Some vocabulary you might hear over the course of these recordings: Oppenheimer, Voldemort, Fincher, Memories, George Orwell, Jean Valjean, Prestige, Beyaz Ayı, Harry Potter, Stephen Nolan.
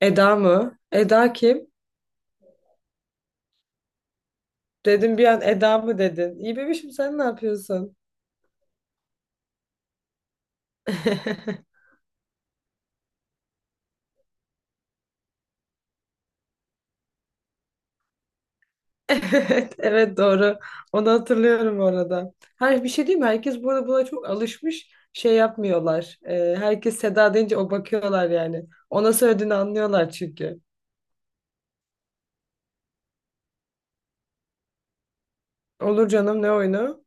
Eda mı? Eda kim? Dedim bir an Eda mı dedin? İyi bebişim sen ne yapıyorsun? Evet, evet doğru. Onu hatırlıyorum orada. Her bir şey değil mi? Herkes burada buna çok alışmış. Şey yapmıyorlar. Herkes Seda deyince o bakıyorlar yani. Ona söylediğini anlıyorlar çünkü. Olur canım ne oyunu?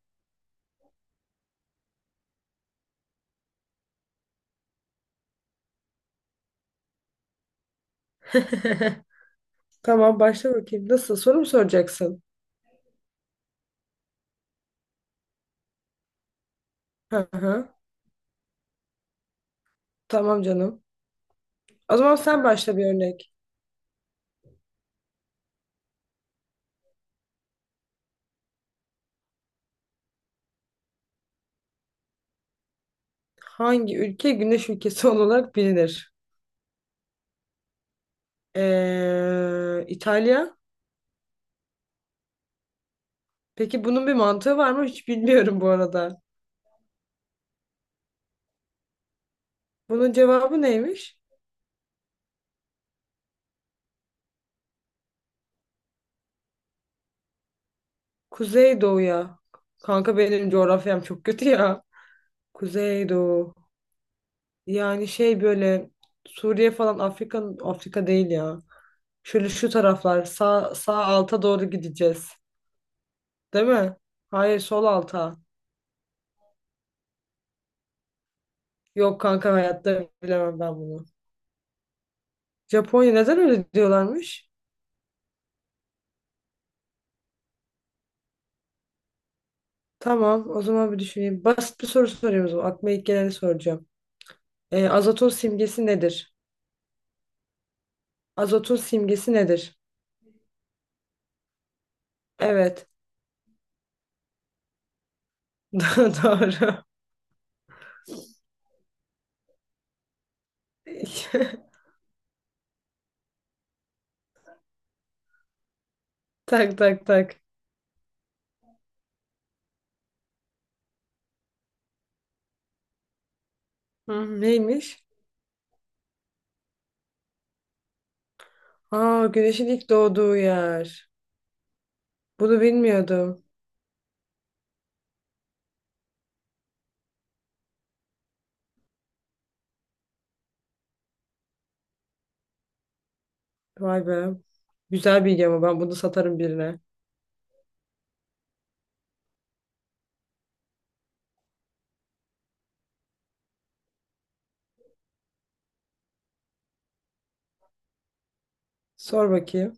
Tamam başla bakayım. Nasıl, soru mu soracaksın? Hı hı. Tamam canım. O zaman sen başla bir örnek. Hangi ülke güneş ülkesi olarak bilinir? İtalya. Peki bunun bir mantığı var mı? Hiç bilmiyorum bu arada. Bunun cevabı neymiş? Kuzeydoğu'ya. Kanka benim coğrafyam çok kötü ya. Kuzeydoğu. Yani şey böyle Suriye falan, Afrika Afrika değil ya. Şöyle şu taraflar sağ sağ alta doğru gideceğiz. Değil mi? Hayır, sol alta. Yok kanka, hayatta bilemem ben bunu. Japonya neden öyle diyorlarmış? Tamam, o zaman bir düşüneyim. Basit bir soru sorayım o zaman. Aklıma ilk geleni soracağım. Azotun simgesi nedir? Azotun simgesi nedir? Evet. Doğru. Tak tak tak. Hı, neymiş? Aa, güneşin ilk doğduğu yer. Bunu bilmiyordum. Vay be. Güzel bilgi ama ben bunu satarım birine. Sor bakayım.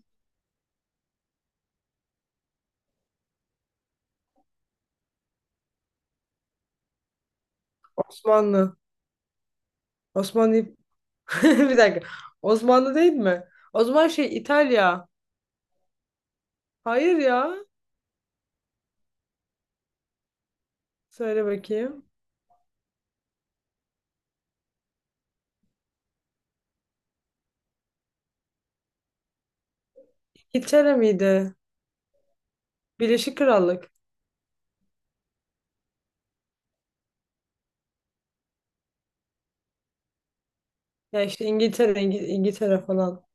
Osmanlı. Osmanlı. Bir dakika. Osmanlı değil mi? O zaman şey İtalya. Hayır ya. Söyle bakayım. İngiltere miydi? Birleşik Krallık. Ya işte İngiltere, İngiltere falan.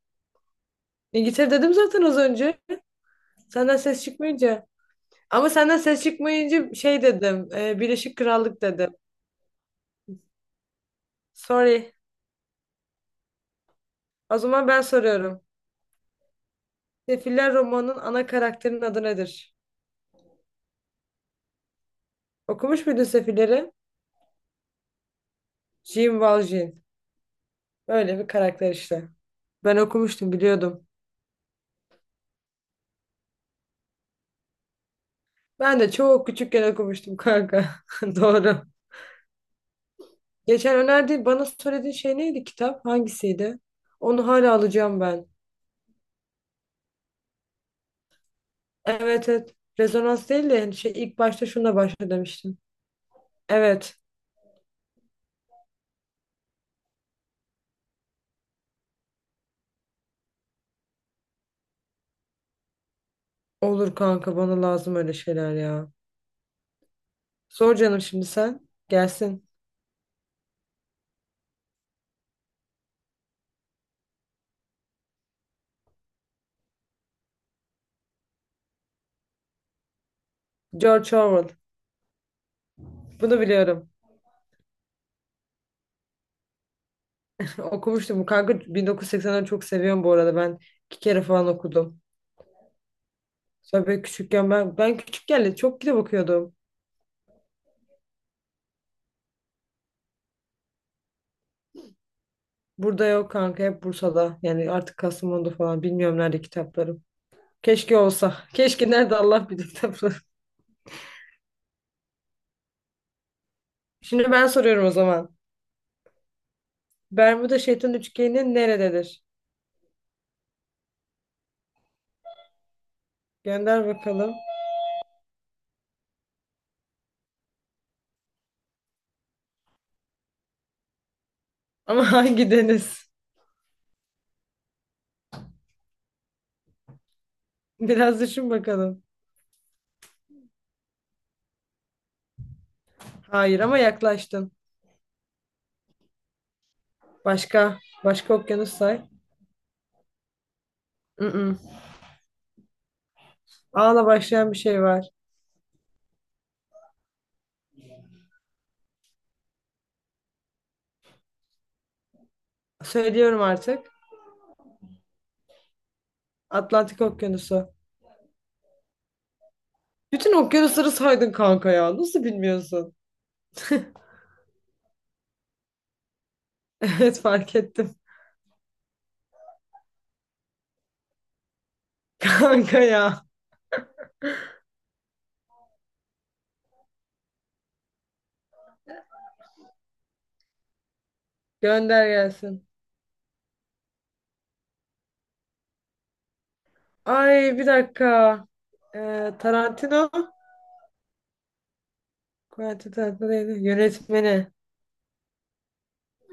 İngiltere dedim zaten az önce. Senden ses çıkmayınca. Ama senden ses çıkmayınca şey dedim. Birleşik Krallık dedim. Sorry. O zaman ben soruyorum. Sefiller romanının ana karakterinin adı nedir? Okumuş muydun Sefilleri? Jean Valjean. Öyle bir karakter işte. Ben okumuştum, biliyordum. Ben de çok küçükken okumuştum kanka. Doğru. Geçen önerdiğin, bana söylediğin şey neydi, kitap? Hangisiydi? Onu hala alacağım ben. Evet, evet. Rezonans değil de yani şey, ilk başta şununla başla demiştin. Evet. Olur kanka, bana lazım öyle şeyler ya. Sor canım şimdi sen. Gelsin. George Orwell. Bunu biliyorum. Okumuştum. Kanka 1980'leri çok seviyorum bu arada. Ben iki kere falan okudum. Sonra böyle küçükken ben küçükken de çok kitap okuyordum. Burada yok kanka, hep Bursa'da. Yani artık Kastamonu'da falan, bilmiyorum nerede kitaplarım. Keşke olsa. Keşke, nerede Allah bilir tabii. Şimdi ben soruyorum o zaman. Bermuda Şeytan Üçgeni nerededir? Gönder bakalım. Ama hangi deniz? Biraz düşün bakalım. Hayır, ama yaklaştın. Başka. Başka okyanus say. Mm-mm. A'la başlayan bir şey var. Söylüyorum artık. Atlantik Okyanusu. Bütün okyanusları saydın kanka ya. Nasıl bilmiyorsun? Evet, fark ettim. Kanka ya. Gönder gelsin. Ay bir dakika. Tarantino. Quentin Tarantino'ydu. Yönetmeni.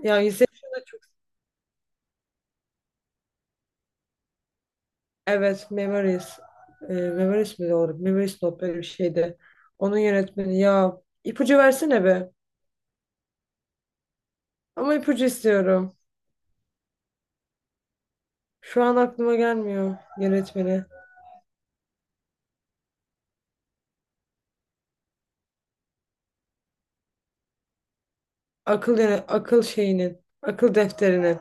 Ya Inception'ı da çok... Evet, Memories. Memories mi doğru? Memories not, böyle bir şeydi. Onun yönetmeni. Ya, ipucu versene be. Ama ipucu istiyorum. Şu an aklıma gelmiyor yönetmeni. Akıl şeyinin. Akıl defterinin.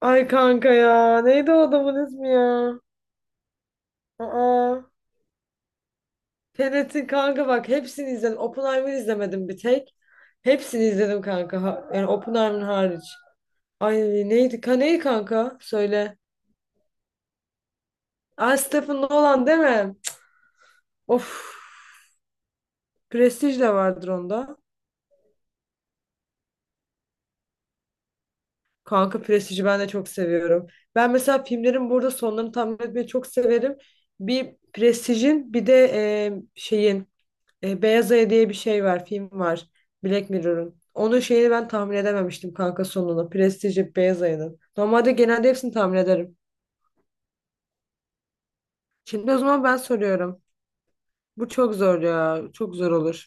Ay kanka ya. Neydi o adamın ismi ya? Aa. Tenet'in kanka, bak hepsini izledim. Oppenheimer'ı izlemedim bir tek. Hepsini izledim kanka. Yani Oppenheimer hariç. Ay neydi? Ka, neyi kanka? Söyle. Aa, Stephen Nolan değil mi? Cık. Of. Prestige de vardır onda. Kanka Prestige'i ben de çok seviyorum. Ben mesela filmlerin burada sonlarını tahmin etmeyi çok severim. Bir Prestige'in, bir de şeyin, Beyaz Ayı diye bir şey var. Film var. Black Mirror'ın. Onun şeyini ben tahmin edememiştim kanka, sonunu. Prestige'i, Beyaz Ayı'nın. Normalde genelde hepsini tahmin ederim. Şimdi o zaman ben soruyorum. Bu çok zor ya. Çok zor olur.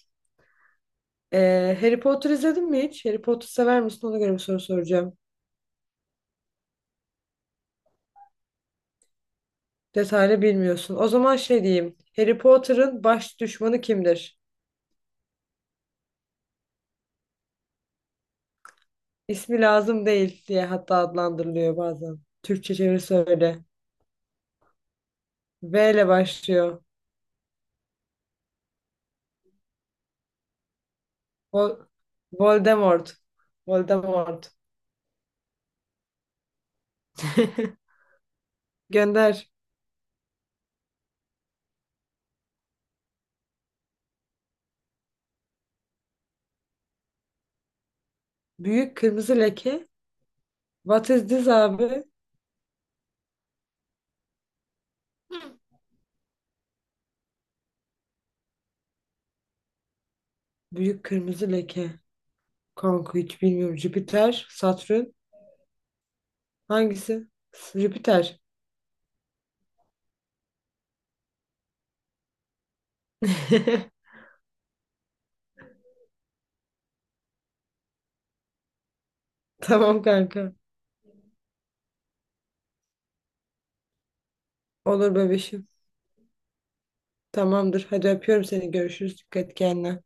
Harry Potter izledin mi hiç? Harry Potter sever misin? Ona göre bir soru soracağım. Detaylı bilmiyorsun. O zaman şey diyeyim. Harry Potter'ın baş düşmanı kimdir? İsmi lazım değil diye hatta adlandırılıyor bazen. Türkçe çevirisi öyle. V ile başlıyor. Vol Voldemort. Voldemort. Gönder. Büyük kırmızı leke. What is this abi? Büyük kırmızı leke. Kanka hiç bilmiyorum. Jüpiter, Satürn. Hangisi? Jüpiter. Tamam kanka. Olur bebişim. Tamamdır. Hadi öpüyorum seni. Görüşürüz. Dikkat et kendine.